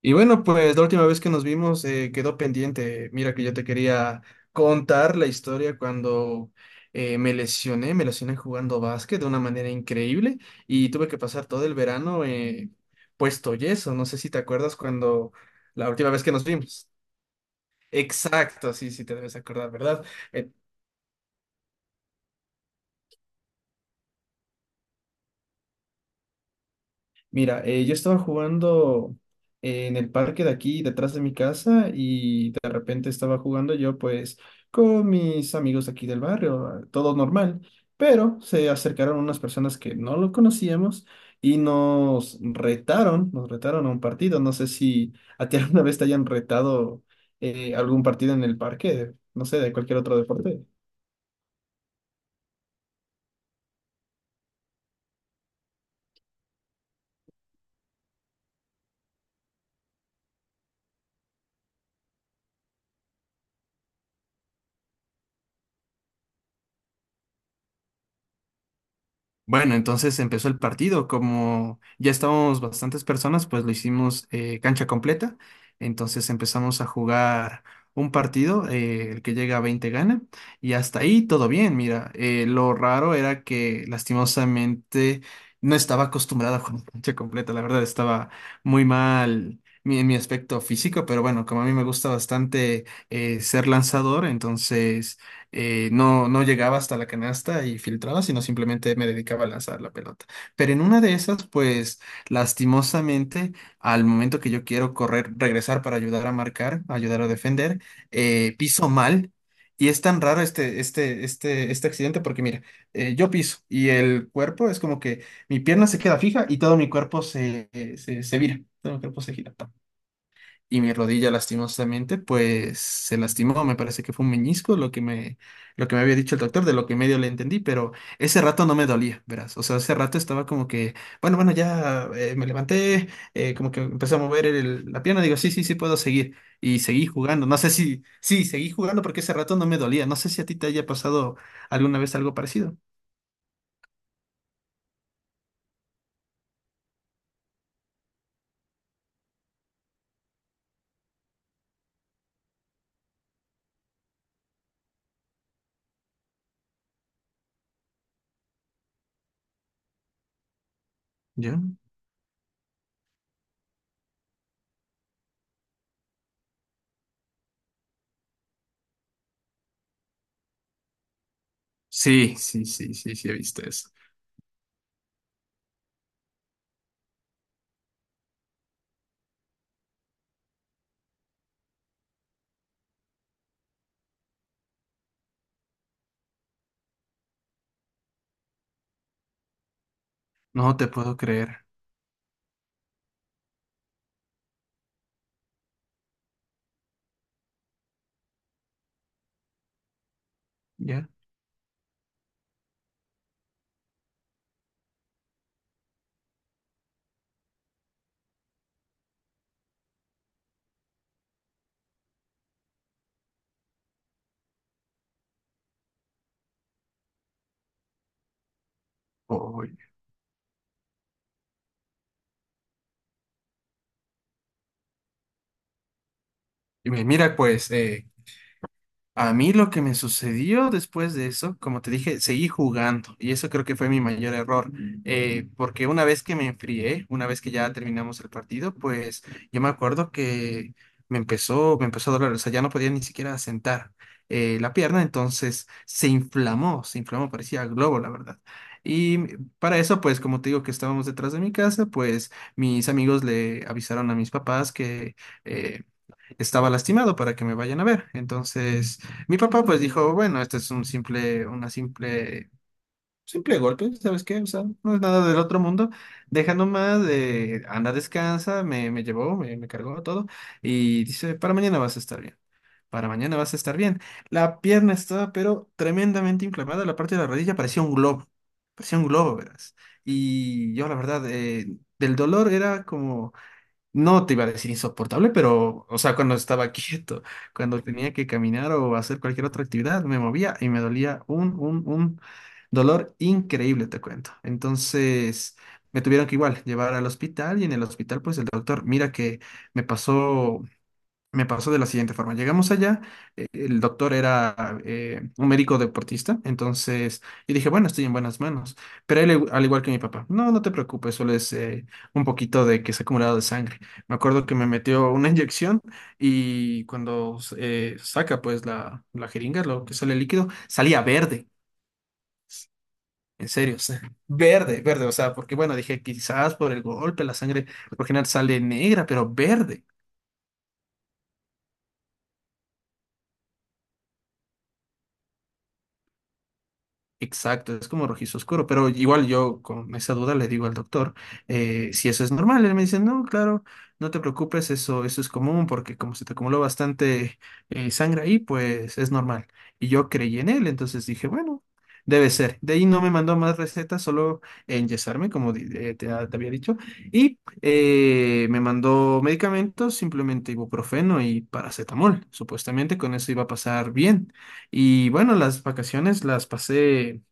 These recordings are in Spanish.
Y bueno, pues la última vez que nos vimos quedó pendiente. Mira que yo te quería contar la historia cuando me lesioné jugando básquet de una manera increíble y tuve que pasar todo el verano puesto yeso. No sé si te acuerdas cuando la última vez que nos vimos. Exacto, sí, sí te debes acordar, ¿verdad? Eh, Mira, yo estaba jugando en el parque de aquí, detrás de mi casa, y de repente estaba jugando yo, pues, con mis amigos de aquí del barrio, todo normal, pero se acercaron unas personas que no lo conocíamos y nos retaron a un partido. No sé si a ti alguna vez te hayan retado algún partido en el parque, no sé, de cualquier otro deporte. Bueno, entonces empezó el partido. Como ya estábamos bastantes personas, pues lo hicimos cancha completa. Entonces empezamos a jugar un partido, el que llega a 20 gana. Y hasta ahí todo bien, mira. Lo raro era que lastimosamente no estaba acostumbrada a jugar cancha completa. La verdad estaba muy mal. En mi aspecto físico, pero bueno, como a mí me gusta bastante ser lanzador, entonces no llegaba hasta la canasta y filtraba, sino simplemente me dedicaba a lanzar la pelota. Pero en una de esas, pues lastimosamente, al momento que yo quiero correr, regresar para ayudar a marcar, ayudar a defender, piso mal. Y es tan raro este accidente porque mira, yo piso y el cuerpo es como que mi pierna se queda fija y todo mi cuerpo se vira, todo mi cuerpo se gira y mi rodilla lastimosamente pues se lastimó, me parece que fue un meñisco lo que me había dicho el doctor, de lo que medio le entendí, pero ese rato no me dolía, verás, o sea, ese rato estaba como que, bueno, ya me levanté, como que empecé a mover la pierna, digo, sí, puedo seguir, y seguí jugando, no sé si, sí, seguí jugando porque ese rato no me dolía, ¿no sé si a ti te haya pasado alguna vez algo parecido? ¿Ya? Sí, he visto eso. No te puedo creer, ¿ya? Oye, y mira, pues, a mí lo que me sucedió después de eso, como te dije, seguí jugando y eso creo que fue mi mayor error, porque una vez que me enfrié, una vez que ya terminamos el partido, pues yo me acuerdo que me empezó a doler, o sea, ya no podía ni siquiera sentar la pierna, entonces se inflamó, parecía globo, la verdad. Y para eso, pues como te digo que estábamos detrás de mi casa, pues mis amigos le avisaron a mis papás que... eh, estaba lastimado para que me vayan a ver. Entonces, mi papá pues dijo, bueno, este es un simple golpe, ¿sabes qué? O sea, no es nada del otro mundo. Deja nomás, anda, descansa, me llevó, me cargó todo y dice, para mañana vas a estar bien. Para mañana vas a estar bien. La pierna estaba, pero tremendamente inflamada. La parte de la rodilla parecía un globo. Parecía un globo, verás. Y yo, la verdad, del dolor era como... No te iba a decir insoportable, pero, o sea, cuando estaba quieto, cuando tenía que caminar o hacer cualquier otra actividad, me movía y me dolía un dolor increíble, te cuento. Entonces, me tuvieron que igual llevar al hospital y en el hospital, pues el doctor, mira que me pasó me pasó de la siguiente forma. Llegamos allá, el doctor era un médico deportista, entonces yo dije, bueno, estoy en buenas manos. Pero él, al igual que mi papá, no, no te preocupes, solo es un poquito de que se ha acumulado de sangre. Me acuerdo que me metió una inyección y cuando saca pues la jeringa, lo que sale el líquido, salía verde. En serio, o sea, verde, verde, o sea, porque bueno, dije quizás por el golpe la sangre por lo general sale negra, pero verde. Exacto, es como rojizo oscuro, pero igual yo con esa duda le digo al doctor si eso es normal. Él me dice, no, claro, no te preocupes, eso es común porque como se te acumuló bastante sangre ahí, pues es normal. Y yo creí en él, entonces dije, bueno, debe ser. De ahí no me mandó más recetas, solo enyesarme, como te había dicho, y me mandó medicamentos, simplemente ibuprofeno y paracetamol. Supuestamente con eso iba a pasar bien. Y bueno, las vacaciones las pasé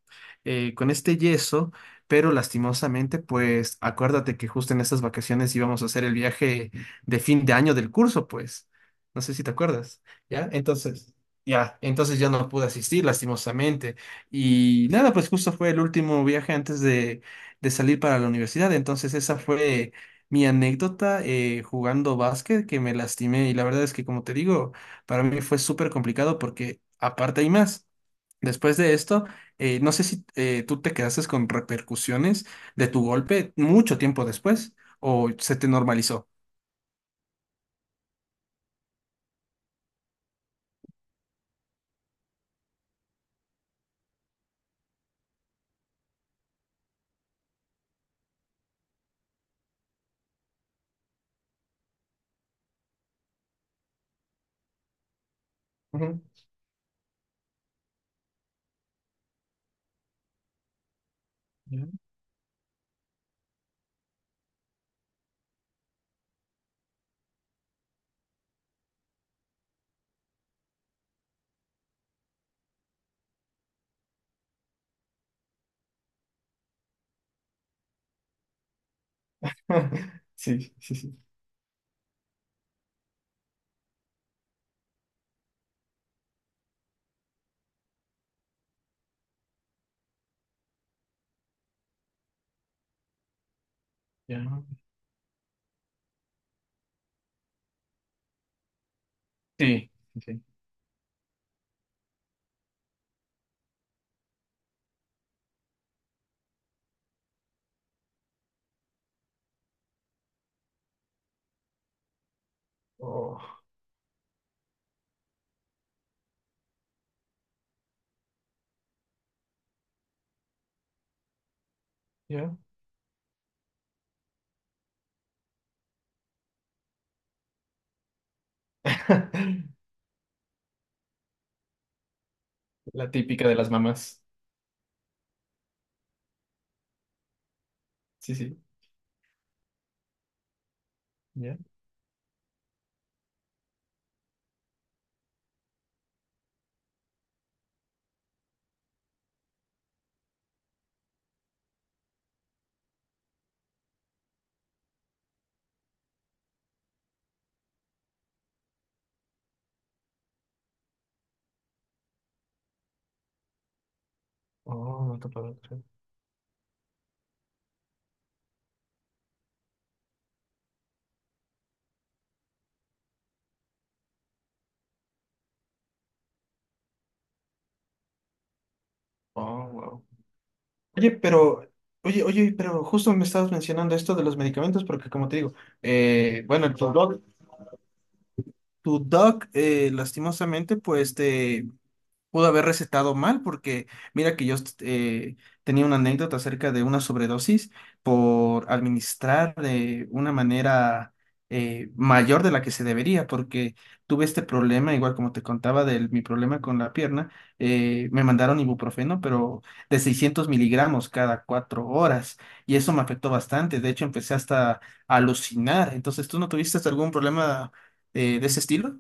con este yeso, pero lastimosamente, pues acuérdate que justo en estas vacaciones íbamos a hacer el viaje de fin de año del curso, pues. No sé si te acuerdas, ¿ya? Entonces, ya, entonces yo no pude asistir, lastimosamente. Y nada, pues justo fue el último viaje antes de salir para la universidad, entonces esa fue... mi anécdota jugando básquet que me lastimé y la verdad es que como te digo, para mí fue súper complicado porque aparte hay más. Después de esto, no sé si tú te quedaste con repercusiones de tu golpe mucho tiempo después o se te normalizó. Ujú, ya. Sí, sí, sí. Ya. Sí, sí, sí. Oh, ya. La típica de las mamás. Sí, sí. Ya. Oh, no te puedo creer. Oh, wow. Oye, pero, oye, oye, pero justo me estabas mencionando esto de los medicamentos, porque como te digo, bueno, tu doc lastimosamente, pues te pudo haber recetado mal porque mira que yo tenía una anécdota acerca de una sobredosis por administrar de una manera mayor de la que se debería porque tuve este problema, igual como te contaba de mi problema con la pierna, me mandaron ibuprofeno pero de 600 mg cada 4 horas y eso me afectó bastante, de hecho empecé hasta a alucinar, entonces ¿tú no tuviste hasta algún problema de ese estilo?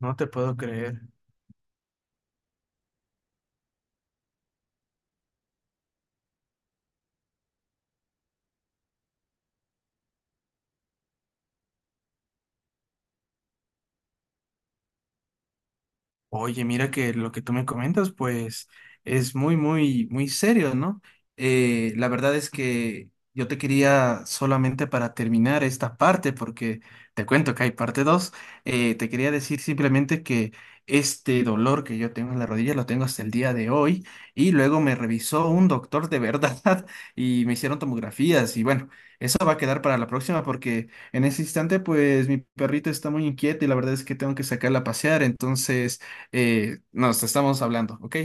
No te puedo creer. Oye, mira que lo que tú me comentas, pues es muy, muy, muy serio, ¿no? La verdad es que yo te quería solamente para terminar esta parte, porque te cuento que hay parte 2, te quería decir simplemente que este dolor que yo tengo en la rodilla lo tengo hasta el día de hoy y luego me revisó un doctor de verdad y me hicieron tomografías y bueno, eso va a quedar para la próxima porque en ese instante pues mi perrito está muy inquieto y la verdad es que tengo que sacarla a pasear, entonces... Nos estamos hablando, ¿ok?